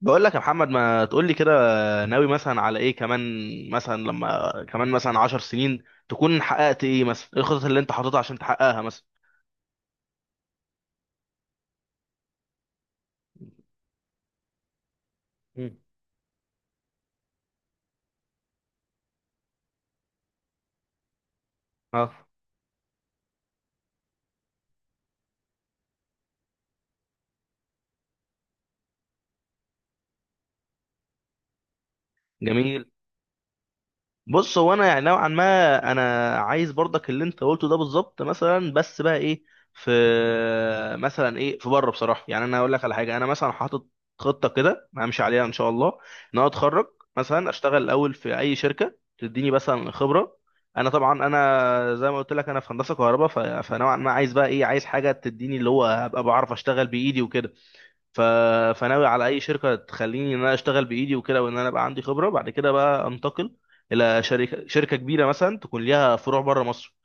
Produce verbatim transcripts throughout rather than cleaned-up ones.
بقول لك يا محمد، ما تقول لي كده. ناوي مثلا على ايه كمان؟ مثلا لما كمان مثلا عشر سنين تكون حققت ايه؟ مثلا ايه الخطط اللي انت حاططها عشان تحققها مثلا؟ مم. اه. جميل. بص، هو انا يعني نوعا ما انا عايز برضك اللي انت قلته ده بالظبط، مثلا، بس بقى ايه، في مثلا ايه في بره. بصراحه يعني، انا هقول لك على حاجه. انا مثلا حاطط خطه كده همشي عليها ان شاء الله، ان انا اتخرج، مثلا اشتغل الاول في اي شركه تديني مثلا خبره. انا طبعا، انا زي ما قلت لك انا في هندسه كهرباء، ف- فنوعا ما عايز بقى ايه، عايز حاجه تديني اللي هو هبقى بعرف اشتغل بايدي وكده. ف... فناوي على اي شركه تخليني ان انا اشتغل بايدي وكده، وان انا بقى عندي خبره بعد كده، بقى انتقل الى شركه، شركه كبيره مثلا تكون ليها فروع بره مصر.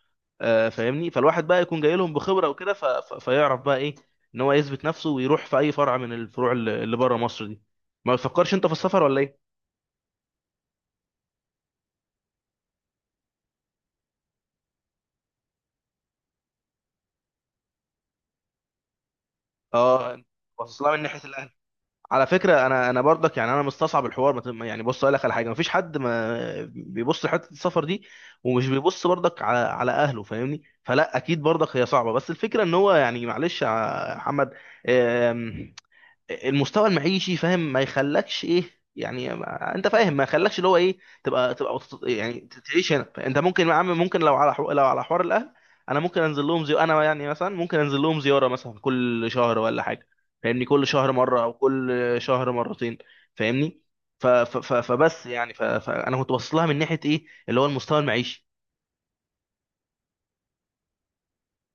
آه، فاهمني، فالواحد بقى يكون جاي لهم بخبره وكده، ف... ف... فيعرف بقى ايه، ان هو يثبت نفسه ويروح في اي فرع من الفروع اللي اللي بره مصر دي. ما بتفكرش انت في السفر ولا ايه؟ اه، باصص لها من ناحيه الاهل. على فكره انا، انا برضك يعني انا مستصعب الحوار، ما تم- يعني بص اقول لك على حاجه. مفيش حد ما بيبص لحته السفر دي، ومش بيبص برضك على على اهله، فاهمني. فلا اكيد برضك هي صعبه، بس الفكره ان هو يعني، معلش يا محمد، المستوى المعيشي فاهم ما يخلكش ايه، يعني ما- انت فاهم ما يخلكش اللي هو ايه، تبقى تبقى وتط- يعني ت- تعيش هنا. انت ممكن يا عم، ممكن، لو على حو... لو على حوار الاهل، انا ممكن انزل لهم، زي انا يعني مثلا ممكن انزل لهم زياره مثلا، كل شهر ولا حاجه. فاهمني، كل شهر مره او كل شهر مرتين. فاهمني. ف... ف... ف... فبس يعني، ف... فانا كنت باصص لها من ناحيه ايه، اللي هو المستوى المعيشي.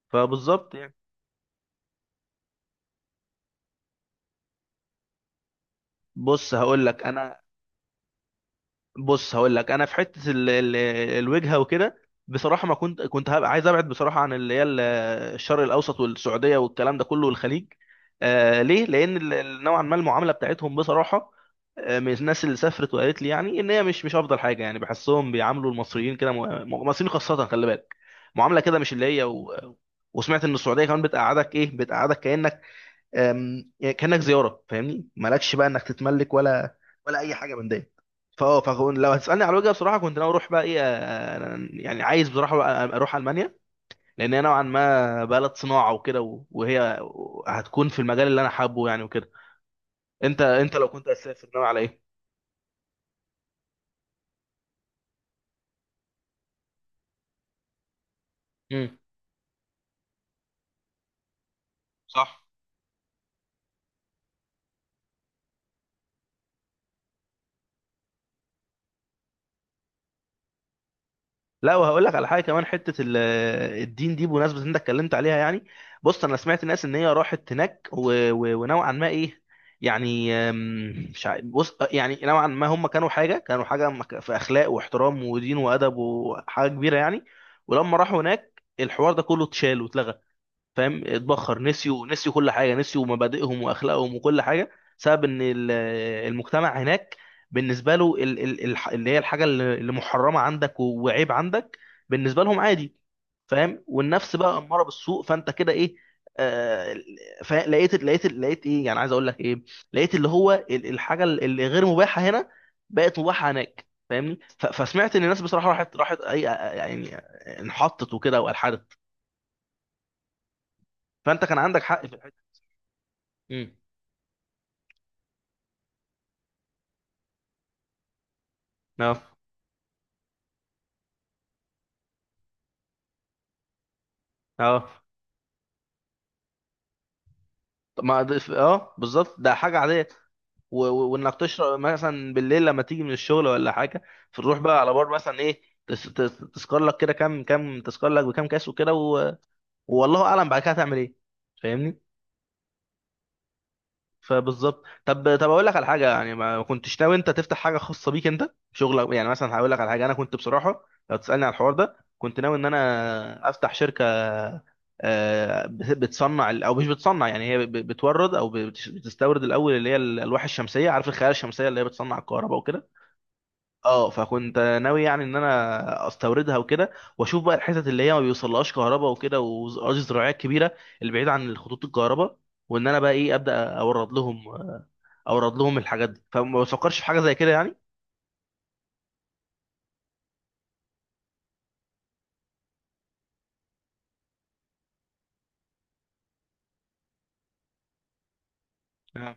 فبالظبط يعني. بص هقول لك انا، بص هقول لك انا في حته ال ال الوجهه وكده، بصراحه ما كنت، كنت هبقى عايز ابعد بصراحه عن اللي هي ال- الشرق الاوسط والسعوديه والكلام ده كله والخليج. آه، ليه؟ لان ال- ال- نوعا ما المعامله بتاعتهم بصراحه، آه، من الناس اللي سافرت وقالت لي يعني ان هي مش مش افضل حاجه يعني. بحسهم بيعاملوا المصريين كده، م- المصريين خاصه، خلي بالك، معامله كده مش اللي هي و... وسمعت ان السعوديه كمان بتقعدك ايه، بتقعدك كانك، أم، يعني كانك زياره. فاهمني، مالكش بقى انك تتملك ولا ولا اي حاجه من ديت. فاه فكون لو هتسالني على الوجهه، بصراحه كنت ناوي اروح بقى ايه، أه، يعني عايز بصراحه بقى اروح المانيا، لان هي نوعا ما بلد صناعه وكده، و- وهي هتكون في المجال اللي انا حابه يعني وكده. انت انت لو كنت هتسافر ناوي على ايه؟ امم. صح. لا، وهقول لك على حاجه كمان، حته ال- آه، الدين دي، بمناسبه ان انت اتكلمت عليها يعني. بص انا سمعت ناس ان هي راحت هناك و... و... ونوعا ما ايه، يعني أم، مش عارف، بص، آه، يعني نوعا ما هم كانوا حاجه، كانوا حاجه مك- في اخلاق واحترام ودين وادب وحاجه كبيره يعني. ولما راحوا هناك، الحوار ده كله اتشال واتلغى، فاهم، اتبخر. نسيوا نسيوا كل حاجه، نسيوا مبادئهم واخلاقهم وكل حاجه، بسبب ان ال- المجتمع هناك بالنسبه له ال- ال- الح- اللي هي الحاجه اللي اللي محرمه عندك وعيب عندك، بالنسبه لهم عادي، فاهم. والنفس بقى اماره بالسوء، فانت كده ايه. آه. فا- لقيت لقيت لقيت ايه، يعني عايز اقول لك ايه، لقيت اللي هو ال- الحاجه اللي غير مباحه هنا بقت مباحه هناك. فاهمني، ف- فسمعت ان الناس بصراحه راحت راحت اي يعني، انحطت وكده والحدت. فانت كان عندك حق في الحته. امم. اه. اه. طب ما ده- اه بالظبط ده حاجه عاديه. و- و- وانك تشرب مثلا بالليل لما تيجي من الشغل ولا حاجه، فتروح بقى على بار مثلا ايه، تس- تس- تسكر لك كده كام كام، تسكر لك بكام كاس وكده، و- والله اعلم بعد كده هتعمل ايه. فبالظبط. طب طب اقول لك على حاجه، يعني ما كنتش ناوي انت تفتح حاجه خاصه بيك انت، شغلك يعني. مثلا هقول لك على حاجه، انا كنت بصراحه لو تسالني على الحوار ده، كنت ناوي ان انا افتح شركه، آه، بت- بتصنع ال- او مش بتصنع يعني، هي ب- ب- بتورد او بتش- بتستورد الاول اللي هي ال- الالواح الشمسيه، عارف، الخلايا الشمسيه اللي هي بتصنع الكهرباء وكده. اه، فكنت ناوي يعني ان انا استوردها وكده، واشوف بقى الحتت اللي هي ما بيوصلهاش كهرباء وكده، واراضي زراعيه كبيره البعيده عن خطوط الكهرباء، وان انا بقى ايه، ابدا اورد لهم، اورد لهم الحاجات دي. فما بتفكرش في حاجه زي كده يعني؟ آه.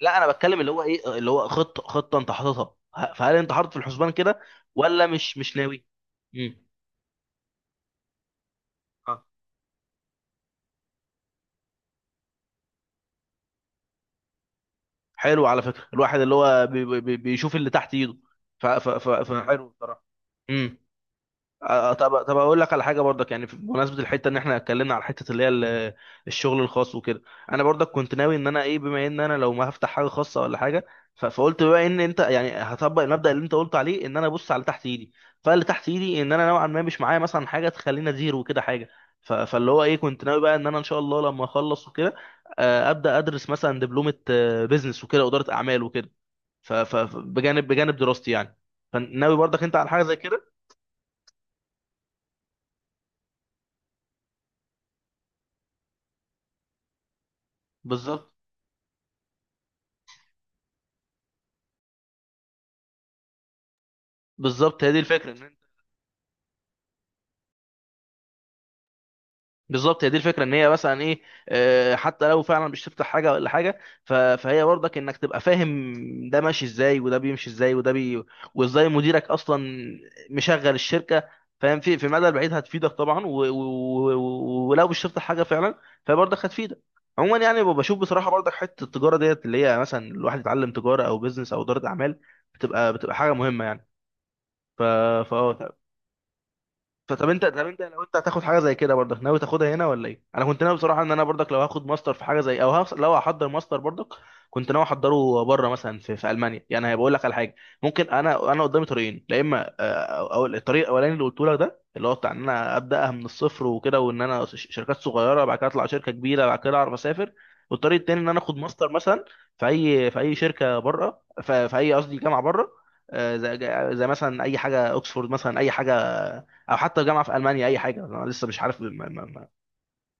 لا، انا بتكلم اللي هو ايه، اللي هو خطه خطه انت حاططها، ه- فهل انت حاطط في الحسبان كده ولا مش مش ناوي؟ امم. آه. حلو على فكره. الواحد اللي هو بي بي بي- بيشوف اللي تحت ايده، ف ف ف آه. فحلو بصراحه. آه، آه، طب طب اقول لك على حاجه برضك، يعني في- بمناسبه الحته ان احنا اتكلمنا على حته اللي هي ال- آه، الشغل الخاص وكده، انا برضك كنت ناوي ان انا ايه، بما ان انا لو ما هفتح حاجه خاصه ولا حاجه، ف- فقلت بقى، ان انت يعني هطبق المبدأ اللي انت قلت عليه، ان انا ابص على تحت ايدي. فاللي تحت ايدي، ان انا نوعا ما مش معايا مثلا حاجه تخليني ادير وكده حاجه، ف- فاللي هو ايه، كنت ناوي بقى ان انا ان شاء الله لما اخلص وكده، آه، ابدا ادرس مثلا دبلومه بزنس وكده واداره اعمال وكده، ف- ف- بجانب بجانب دراستي يعني. فناوي برضك انت على حاجه زي كده. بالظبط. بالظبط هي دي الفكره ان انت، بالظبط هي دي الفكره، ان هي مثلا ايه، آه، حتى لو فعلا مش تفتح حاجه ولا حاجه، ف- فهي برضك انك تبقى فاهم ده ماشي ازاي وده بيمشي ازاي وده بي، وازاي مديرك اصلا مشغل الشركه، فاهم. في في المدى البعيد هتفيدك طبعا، و- و- و- ولو مش تفتح حاجه فعلا فبرضك هتفيدك. عموما يعني، بشوف بصراحه برضك حته التجاره ديت، اللي هي مثلا الواحد يتعلم تجاره او بيزنس او اداره اعمال، بتبقى بتبقى حاجه مهمه يعني. ف فا فطب انت، طب انت لو انت هتاخد حاجه زي كده، برضك ناوي تاخدها هنا ولا ايه؟ انا كنت ناوي بصراحه ان انا برضك لو هاخد ماستر في حاجه زي، او هخ... لو هحضر ماستر برضك، كنت ناوي احضره بره، مثلا في, في المانيا يعني. هيبقول لك على حاجه، ممكن انا، انا قدامي طريقين، يا اما اه، او او الطريق الاولاني اللي قلت لك ده، اللي هو بتاع ان انا ابداها من الصفر وكده، وان انا ش- شركات صغيره، بعد كده اطلع شركه كبيره، بعد كده اعرف اسافر. والطريق التاني ان انا اخد ماستر مثلا في اي، في اي شركه بره، في, في اي، قصدي جامعه بره، اه، زي زي مثلا اي حاجه، اوكسفورد مثلا، اي حاجه، او حتى جامعه في المانيا، اي حاجه. انا لسه مش عارف، ما ما ما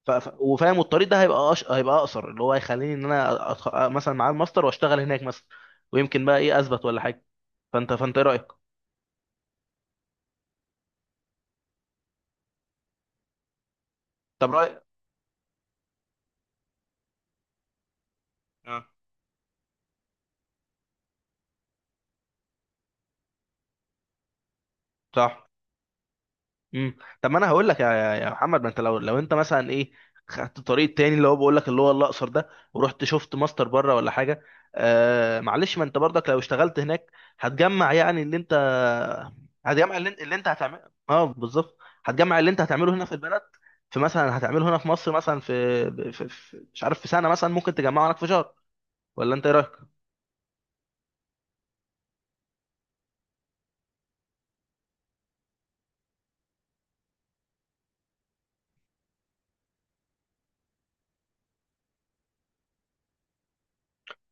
ف... ف... وفاهم. والطريق ده هيبقى أش... هيبقى اقصر، اللي هو هيخليني ان انا أتخ... مثلا معاه الماستر واشتغل هناك مثلا، ويمكن بقى ايه اثبت ولا حاجه. فانت، فانت ايه رايك؟ طب رايك. اه. صح. امم. طب، ما انا هقول لك يا يا يا محمد، ما انت لو لو انت مثلا ايه، خدت طريق تاني اللي هو بقول لك اللي هو الاقصر ده، ورحت شفت ماستر بره ولا حاجه، آه معلش، ما انت برضك لو اشتغلت هناك هتجمع يعني اللي انت، هتجمع اللي انت، اللي انت هتعمله، اه بالظبط، هتجمع اللي انت هتعمله هنا في البلد، في مثلا هتعمله هنا في مصر، مثلا في, في, في مش عارف، في سنه مثلا، ممكن تجمعه هناك في شهر. ولا انت ايه رايك؟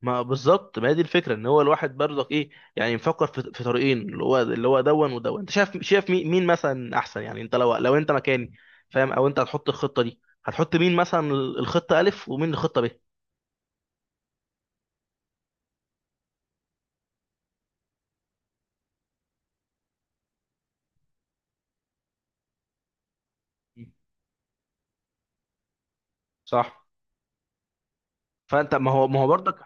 ما بالظبط، ما هي دي الفكره، ان هو الواحد برضك ايه، يعني مفكر في في طريقين اللي هو اللي هو دون ودون. انت شايف، شايف مين مين مثلا احسن؟ يعني انت لو لو انت مكاني فاهم، او انت هتحط الخطه دي، هتحط مين مثلا الخطه الف ومين الخطه ب؟ صح. فانت، ما هو ما هو برضك،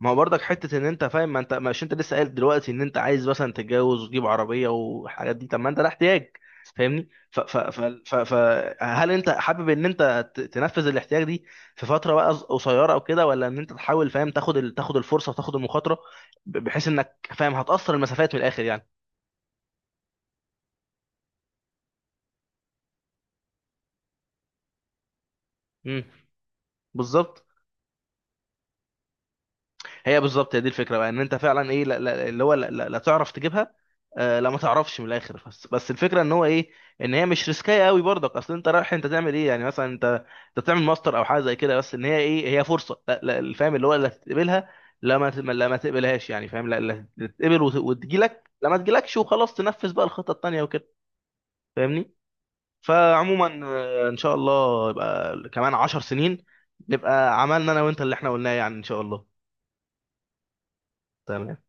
ما هو برضك حته ان انت فاهم، ما انت مش، انت لسه قايل دلوقتي ان انت عايز مثلا تتجوز وتجيب عربيه والحاجات دي، طب ما انت ده احتياج. فاهمني، ف ف ف ف ف هل انت حابب ان انت ت- تنفذ الاحتياج دي في فتره بقى ص- قصيره او كده، ولا ان انت تحاول فاهم تاخد ال... تاخد الفرصه وتاخد المخاطره، ب- بحيث انك فاهم هتأثر المسافات من الاخر يعني. امم. بالظبط. هي بالظبط، هي دي الفكره بقى، ان انت فعلا ايه، لا لا اللي هو لا, لا, لا تعرف تجيبها. آه، لا ما تعرفش من الاخر، بس بس الفكره ان هو ايه، ان هي مش ريسكايه قوي برضك، اصل انت رايح انت تعمل ايه يعني، مثلا انت انت تعمل ماستر او حاجه زي كده، بس ان هي ايه، هي فرصه، لا لا فاهم، اللي هو لا تقبلها، لا ما ت- لا ما تقبلهاش يعني، فاهم. لا لا تقبل، وت- وتجيلك، لا ما تجيلكش وخلاص، تنفذ بقى الخطه التانيه وكده. فاهمني. فعموما، آه، ان شاء الله يبقى كمان عشر سنين، نبقى عملنا انا وانت اللي احنا قلناه، يعني ان شاء الله. تمام